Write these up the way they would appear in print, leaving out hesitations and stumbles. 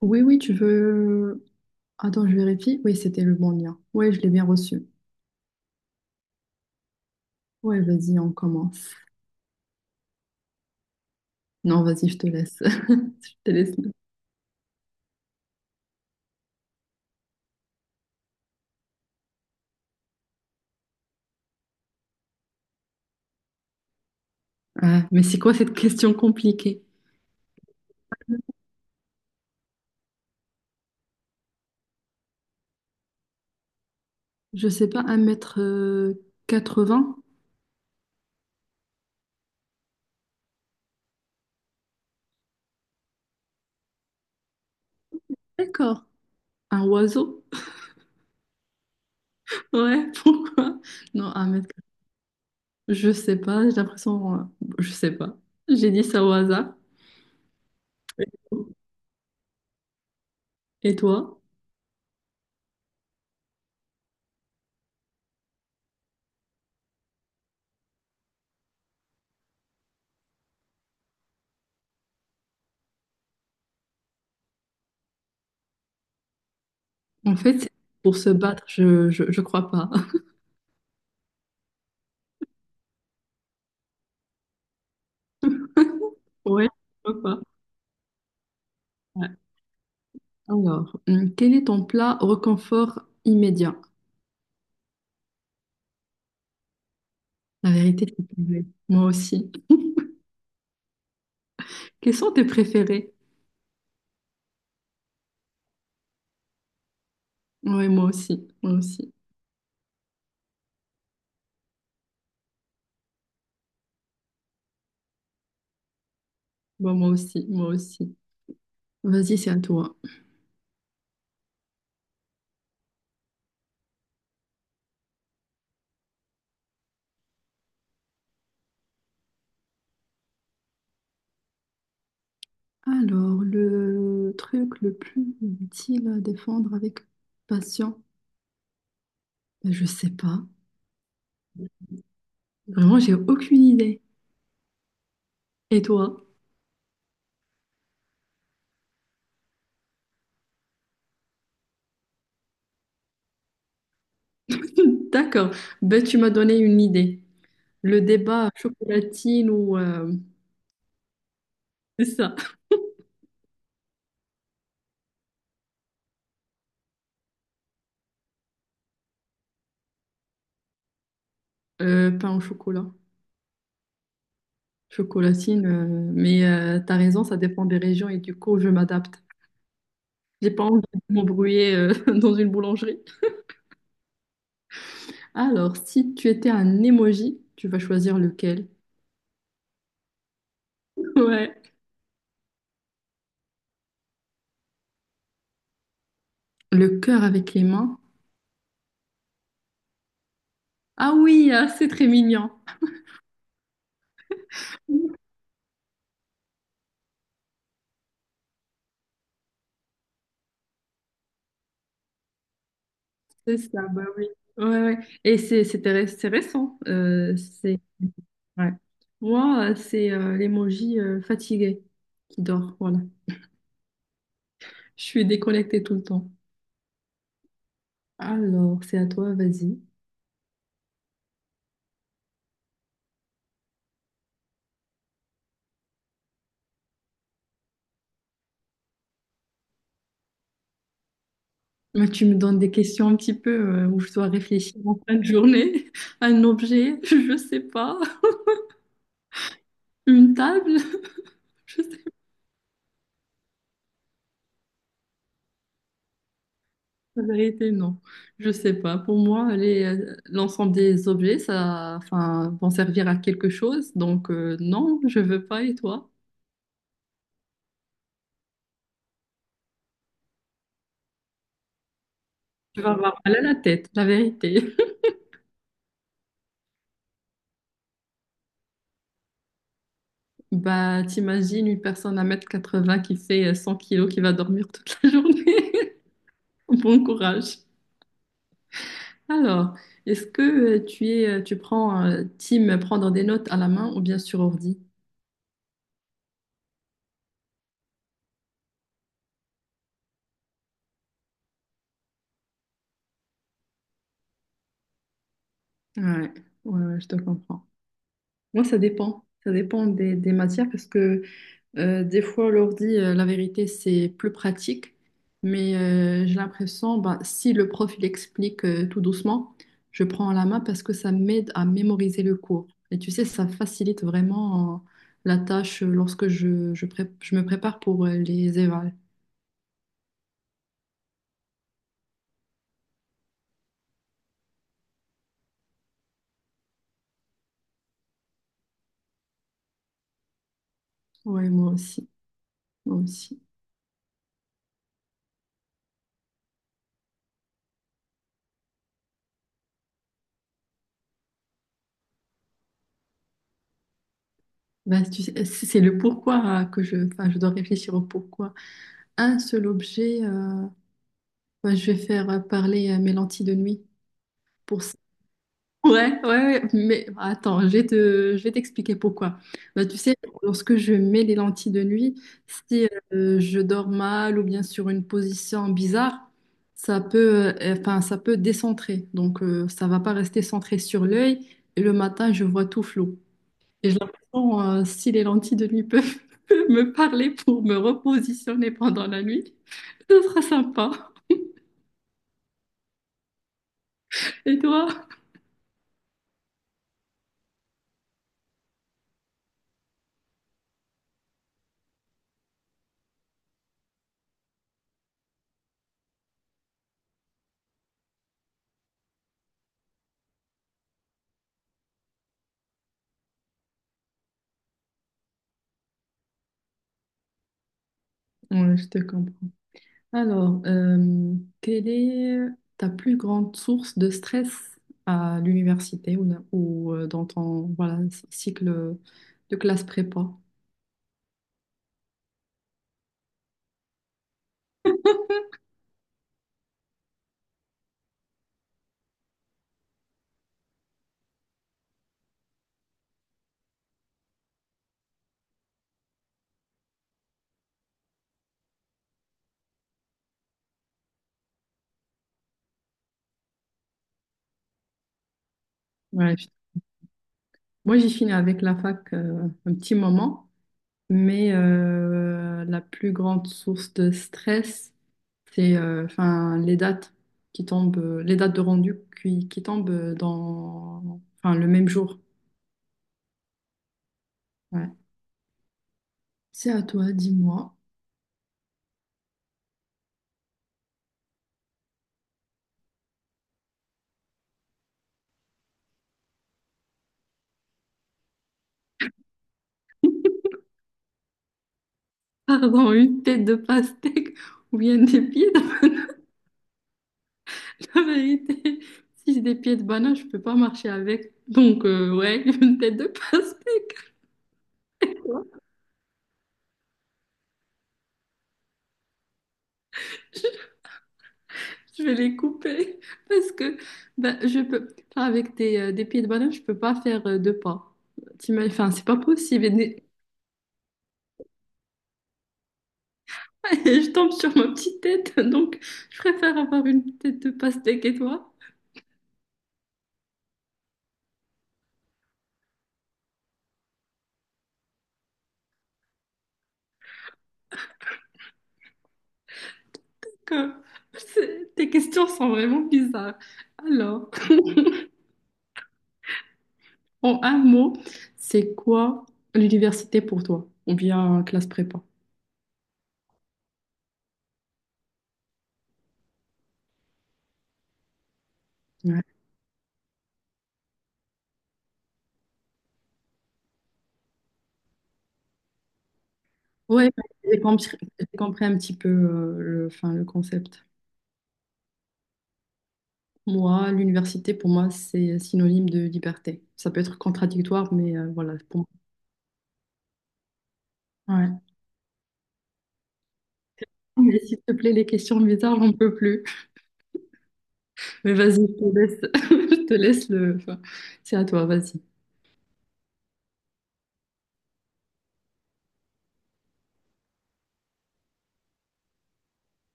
Oui, oui, tu veux. Attends, je vérifie. Oui, c'était le bon lien. Oui, je l'ai bien reçu. Oui, vas-y, on commence. Non, vas-y, je te laisse. Je te laisse. Ah, mais c'est quoi cette question compliquée? Je sais pas, 1 quatre 80. D'accord. Un oiseau? Ouais, pourquoi? Non, un mètre. Je sais pas, j'ai l'impression. Je sais pas. J'ai dit ça au hasard. Et toi? En fait, c'est pour se battre, je crois pas. Ouais, je crois pas. Ouais. Alors, quel est ton plat réconfort immédiat? La vérité, c'est pareil. Moi aussi. Quels sont tes préférés? Oui, moi aussi. Moi aussi. Bon, moi aussi. Moi aussi. Vas-y, c'est à toi. Alors, le truc le plus utile à défendre avec patience? Ben, je sais pas. Vraiment, j'ai aucune idée. Et toi? D'accord. Ben, tu m'as donné une idée. Le débat chocolatine ou c'est ça. Pain au chocolat. Chocolatine, mais t'as raison, ça dépend des régions et du coup, je m'adapte. J'ai pas envie de m'embrouiller dans une boulangerie. Alors, si tu étais un emoji, tu vas choisir lequel? Ouais. Le cœur avec les mains. Ah oui, ah, c'est très mignon. C'est ça, bah oui. Ouais, ouais. Et c'est récent. C'est ouais. Moi, c'est l'emoji fatigué qui dort. Voilà. Je suis déconnectée tout le temps. Alors, c'est à toi, vas-y. Moi, tu me donnes des questions un petit peu où je dois réfléchir en fin de journée, un objet, je sais pas, une table, je sais pas. La vérité, non, je sais pas. Pour moi, l'ensemble des objets, ça, enfin, vont servir à quelque chose. Donc, non, je veux pas. Et toi? Tu vas avoir mal à la tête, la vérité. Bah, t'imagines une personne à un mètre quatre-vingts qui fait 100 kilos qui va dormir toute la journée. Bon courage. Alors, est-ce que tu prends team prendre des notes à la main ou bien sur ordi? Ouais, ouais, ouais, je te comprends. Moi, ça dépend. Ça dépend des matières parce que des fois, l'ordi, la vérité, c'est plus pratique. Mais j'ai l'impression, bah, si le prof il explique tout doucement, je prends à la main parce que ça m'aide à mémoriser le cours. Et tu sais, ça facilite vraiment la tâche lorsque je me prépare pour les évals. Ouais, moi aussi. Moi aussi. Ben, tu sais, c'est le pourquoi que je, enfin, je dois réfléchir au pourquoi. Un seul objet, ben, je vais faire parler mes lentilles de nuit pour ça. Ouais, ouais, ouais, mais attends, je vais t'expliquer pourquoi. Ben, tu sais, lorsque je mets les lentilles de nuit, si je dors mal ou bien sur une position bizarre, ça peut, enfin, ça peut décentrer. Donc, ça va pas rester centré sur l'œil et le matin, je vois tout flou. Et j'ai l'impression, si les lentilles de nuit peuvent me parler pour me repositionner pendant la nuit, ce sera sympa. Et toi? Ouais, je te comprends. Alors, quelle est ta plus grande source de stress à l'université ou, dans ton voilà, cycle de classe prépa? Ouais, moi, j'ai fini avec la fac un petit moment, mais la plus grande source de stress, c'est enfin les dates qui tombent, les dates de rendu qui tombent dans enfin le même jour. Ouais. C'est à toi, dis-moi. Pardon, une tête de pastèque ou bien des pieds de. La vérité, si j'ai des pieds de banane, je peux pas marcher avec. Donc ouais, une tête de pastèque. Je vais les couper parce que ben, je peux enfin, avec des pieds de banane, je peux pas faire deux pas. Enfin, c'est pas possible. Et je tombe sur ma petite tête, donc je préfère avoir une tête de pastèque et toi, que tes questions sont vraiment bizarres. Alors, en un mot, c'est quoi l'université pour toi? Ou bien classe prépa? Ouais, ouais, j'ai compris, j'ai compris un petit peu le, enfin, le concept. Moi, l'université, pour moi, c'est synonyme de liberté. Ça peut être contradictoire, mais voilà, pour moi. Ouais. Mais s'il te plaît, les questions bizarres, j'en peux plus. Mais vas-y, je te laisse, je te laisse le. Enfin, c'est à toi, vas-y.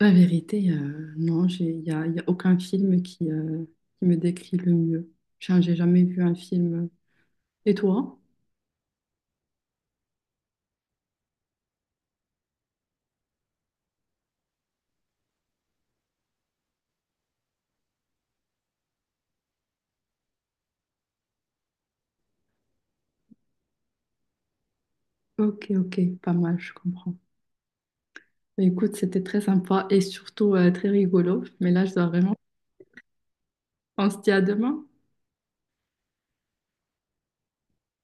La vérité, non, j'ai, il y a, y a aucun film qui me décrit le mieux. Tiens, j'ai jamais vu un film. Et toi? Ok, ok, pas mal, je comprends. Bah, écoute, c'était très sympa et surtout très rigolo. Mais là, je dois vraiment. On se dit à demain.